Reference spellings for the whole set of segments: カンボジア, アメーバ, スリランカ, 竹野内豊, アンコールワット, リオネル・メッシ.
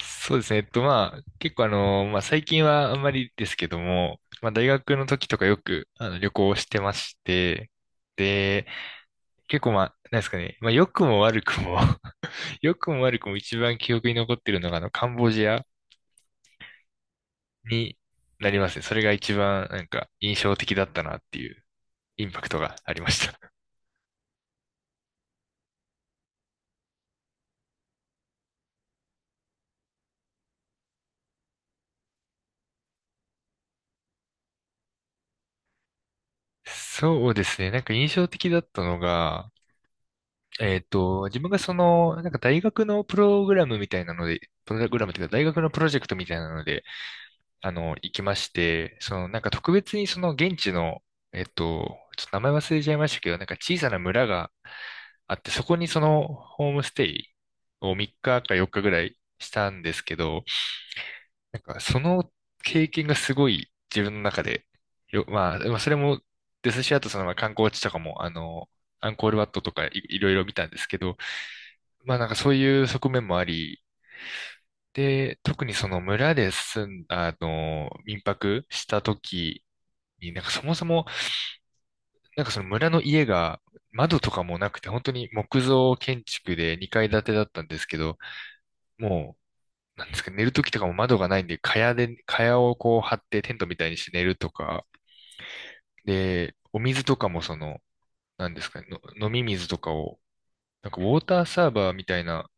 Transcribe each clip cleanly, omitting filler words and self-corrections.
そうですね。まあ、結構あの、まあ、最近はあんまりですけども、まあ、大学の時とかよく、あの、旅行をしてまして、で、結構まあ、なんですかね、まあ、良くも悪くも 良くも悪くも一番記憶に残ってるのが、あの、カンボジアになりますね。それが一番、なんか、印象的だったなっていう、インパクトがありました。そうですね。なんか印象的だったのが、自分がその、なんか大学のプログラムみたいなので、プログラムというか大学のプロジェクトみたいなので、あの、行きまして、その、なんか特別にその現地の、ちょっと名前忘れちゃいましたけど、なんか小さな村があって、そこにそのホームステイを3日か4日ぐらいしたんですけど、なんかその経験がすごい自分の中で、まあ、まあそれもですし、あとそのまあ観光地とかも、あの、アンコールワットとかいろいろ見たんですけど、まあなんかそういう側面もあり、で、特にその村であの、民泊した時に、なんかそもそも、なんかその村の家が窓とかもなくて、本当に木造建築で2階建てだったんですけど、もう、なんですか、寝る時とかも窓がないんで、蚊帳をこう張ってテントみたいにして寝るとか、で、お水とかもその、なんですかね、の飲み水とかを、なんかウォーターサーバーみたいな、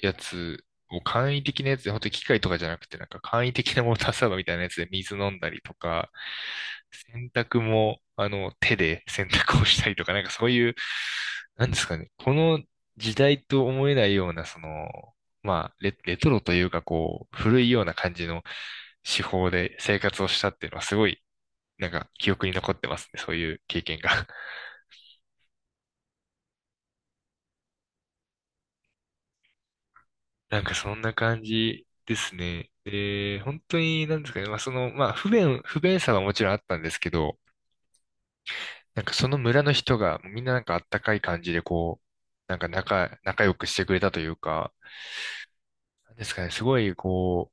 やつを簡易的なやつで、本当に機械とかじゃなくて、なんか簡易的なウォーターサーバーみたいなやつで水飲んだりとか、洗濯も、あの、手で洗濯をしたりとか、なんかそういう、なんですかね、この時代と思えないような、その、まあ、レトロというか、こう、古いような感じの手法で生活をしたっていうのは、すごい、なんか記憶に残ってますね、そういう経験が。なんかそんな感じですね。で、本当に、なんですかね、まあその、まあ不便さはもちろんあったんですけど、なんかその村の人が、みんななんかあったかい感じで、こう、仲良くしてくれたというか、なんですかね、すごい、こ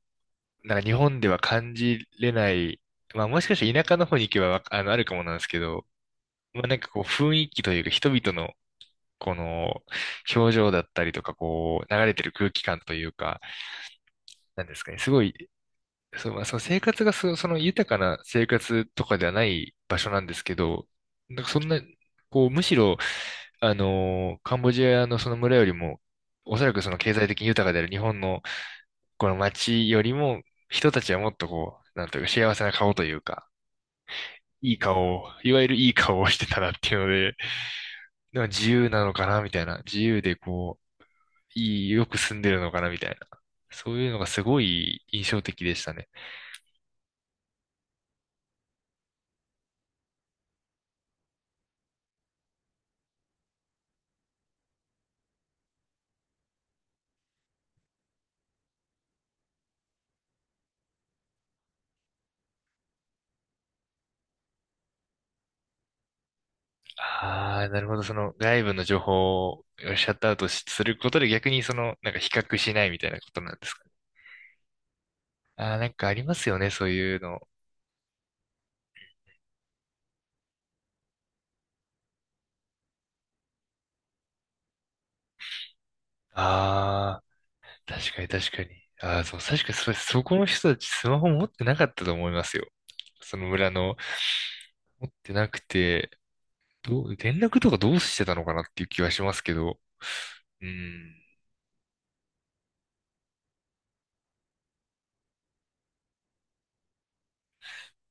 う、なんか日本では感じれない、まあもしかして田舎の方に行けばあの、あるかもなんですけど、まあなんかこう雰囲気というか、人々の、この、表情だったりとか、こう、流れてる空気感というか、なんですかね、すごいそう、まあ、その生活がその豊かな生活とかではない場所なんですけど、なんかそんな、こう、むしろ、カンボジアのその村よりも、おそらくその経済的に豊かである日本のこの街よりも、人たちはもっとこう、なんというか幸せな顔というか、いい顔を、いわゆるいい顔をしてたなっていうので、なんか自由なのかなみたいな、自由でこう、いい、よく住んでるのかなみたいな、そういうのがすごい印象的でしたね。ああ、なるほど。その外部の情報をシャットアウトしすることで逆にその、なんか比較しないみたいなことなんですかね。ああ、なんかありますよね、そういうの。ああ、確かに確かに。ああ、そう、確かにそれ、そこの人たちスマホ持ってなかったと思いますよ。その村の。持ってなくて、連絡とかどうしてたのかなっていう気はしますけど。うん。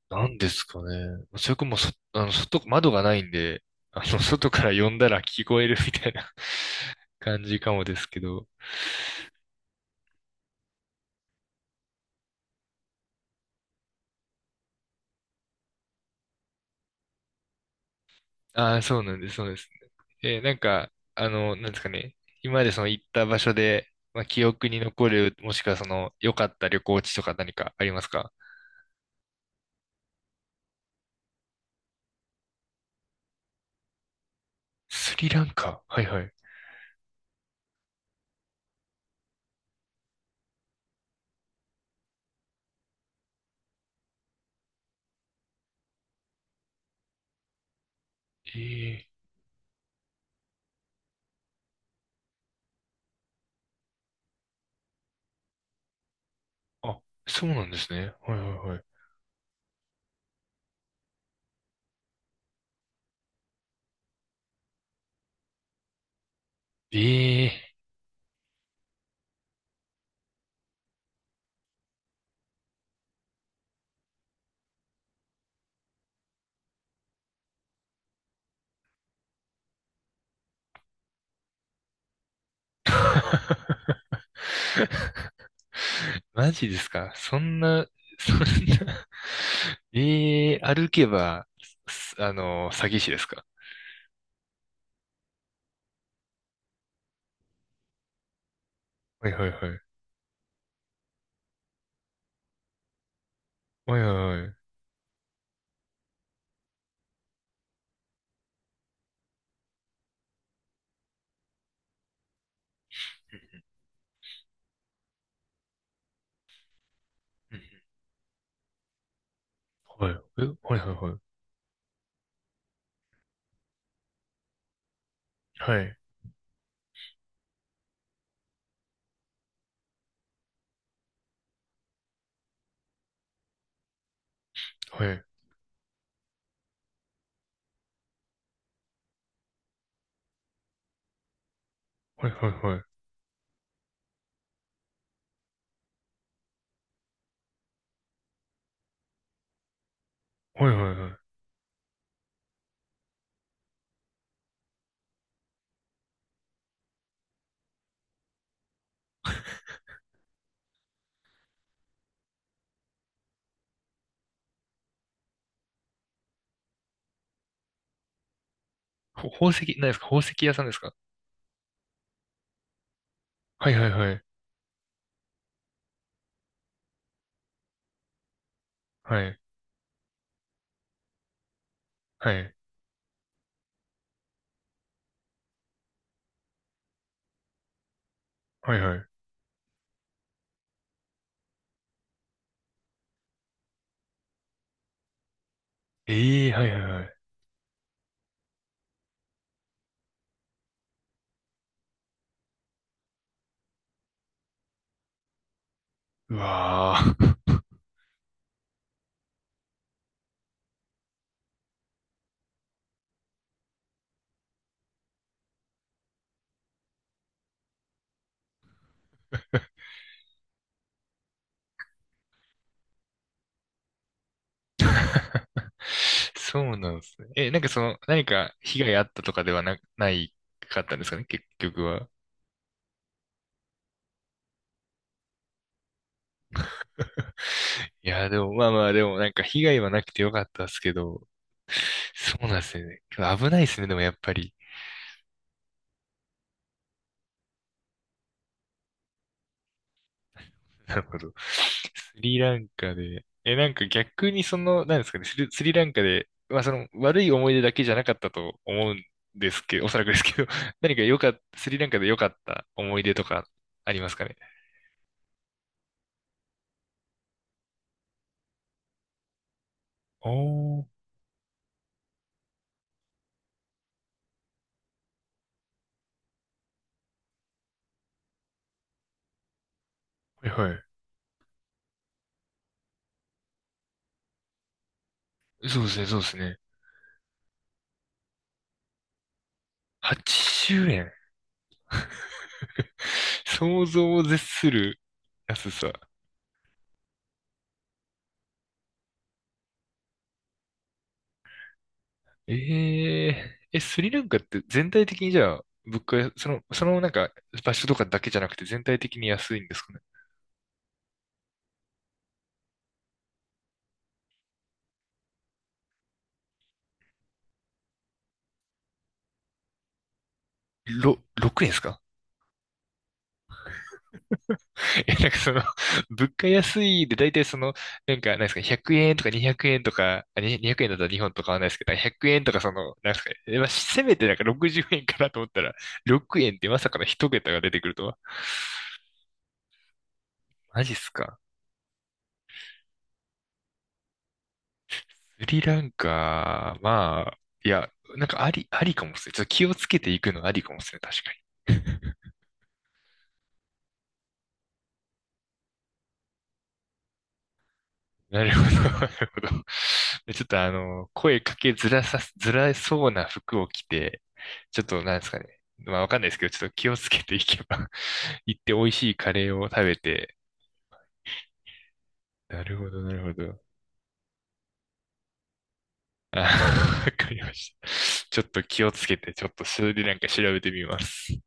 なんですかね。それかもうそ、あの、窓がないんで、あの、外から呼んだら聞こえるみたいな 感じかもですけど。ああ、そうなんです、そうです。なんか、あの、なんですかね。今までその行った場所で、まあ、記憶に残る、もしくはその、良かった旅行地とか何かありますか？スリランカ。はいはい。ええあ、そうなんですね。はいはいはい。ええ マジですかそんな、そんなえ 歩けば、あの、詐欺師ですか？はいはいはい。はいはいはい。うんはい。えはいはいはい。はい。はいはいはい。はいはいはい。宝石、何ですか宝石屋さんですか？はいはいはい。はい。はい。はいはい。ええーはいはいはい。うわー そうなんですね。え、なんかその、何か被害あったとかではないかったんですかね結局は。いや、でも、まあまあ、でも、なんか被害はなくてよかったですけど、そうなんですよね。危ないですね、でもやっぱり。なるほど。スリランカで、え、なんか逆にその、なんですかね、スリランカで、まあその悪い思い出だけじゃなかったと思うんですけど、おそらくですけど、何か良かった、スリランカで良かった思い出とかありますかね？おー、はいはい。そうですね、そうですね。8周年 想像を絶する安さ。えええ、スリランカって全体的にじゃあ、物価、その、そのなんか場所とかだけじゃなくて全体的に安いんですかね。6円ですか？ え、なんかその、物価安いで大体その、なんか、なんですか、100円とか200円とか、あ、に200円だったら日本と変わらないですけど、100円とかその、なんですかね、えまあ、せめてなんか60円かなと思ったら、6円ってまさかの一桁が出てくるとは。マジっすか。スリランカ、まあ、いや、なんかありかもっすね。ちょっと気をつけていくのありかもっすね。確かに。なるほど、なるほど。でちょっとあの、声かけづらさ、づらそうな服を着て、ちょっとなんですかね。まあわかんないですけど、ちょっと気をつけていけば 行って美味しいカレーを食べて。なるほど、なるほど。あ、わかりました。ちょっと気をつけて、ちょっとそれでなんか調べてみます。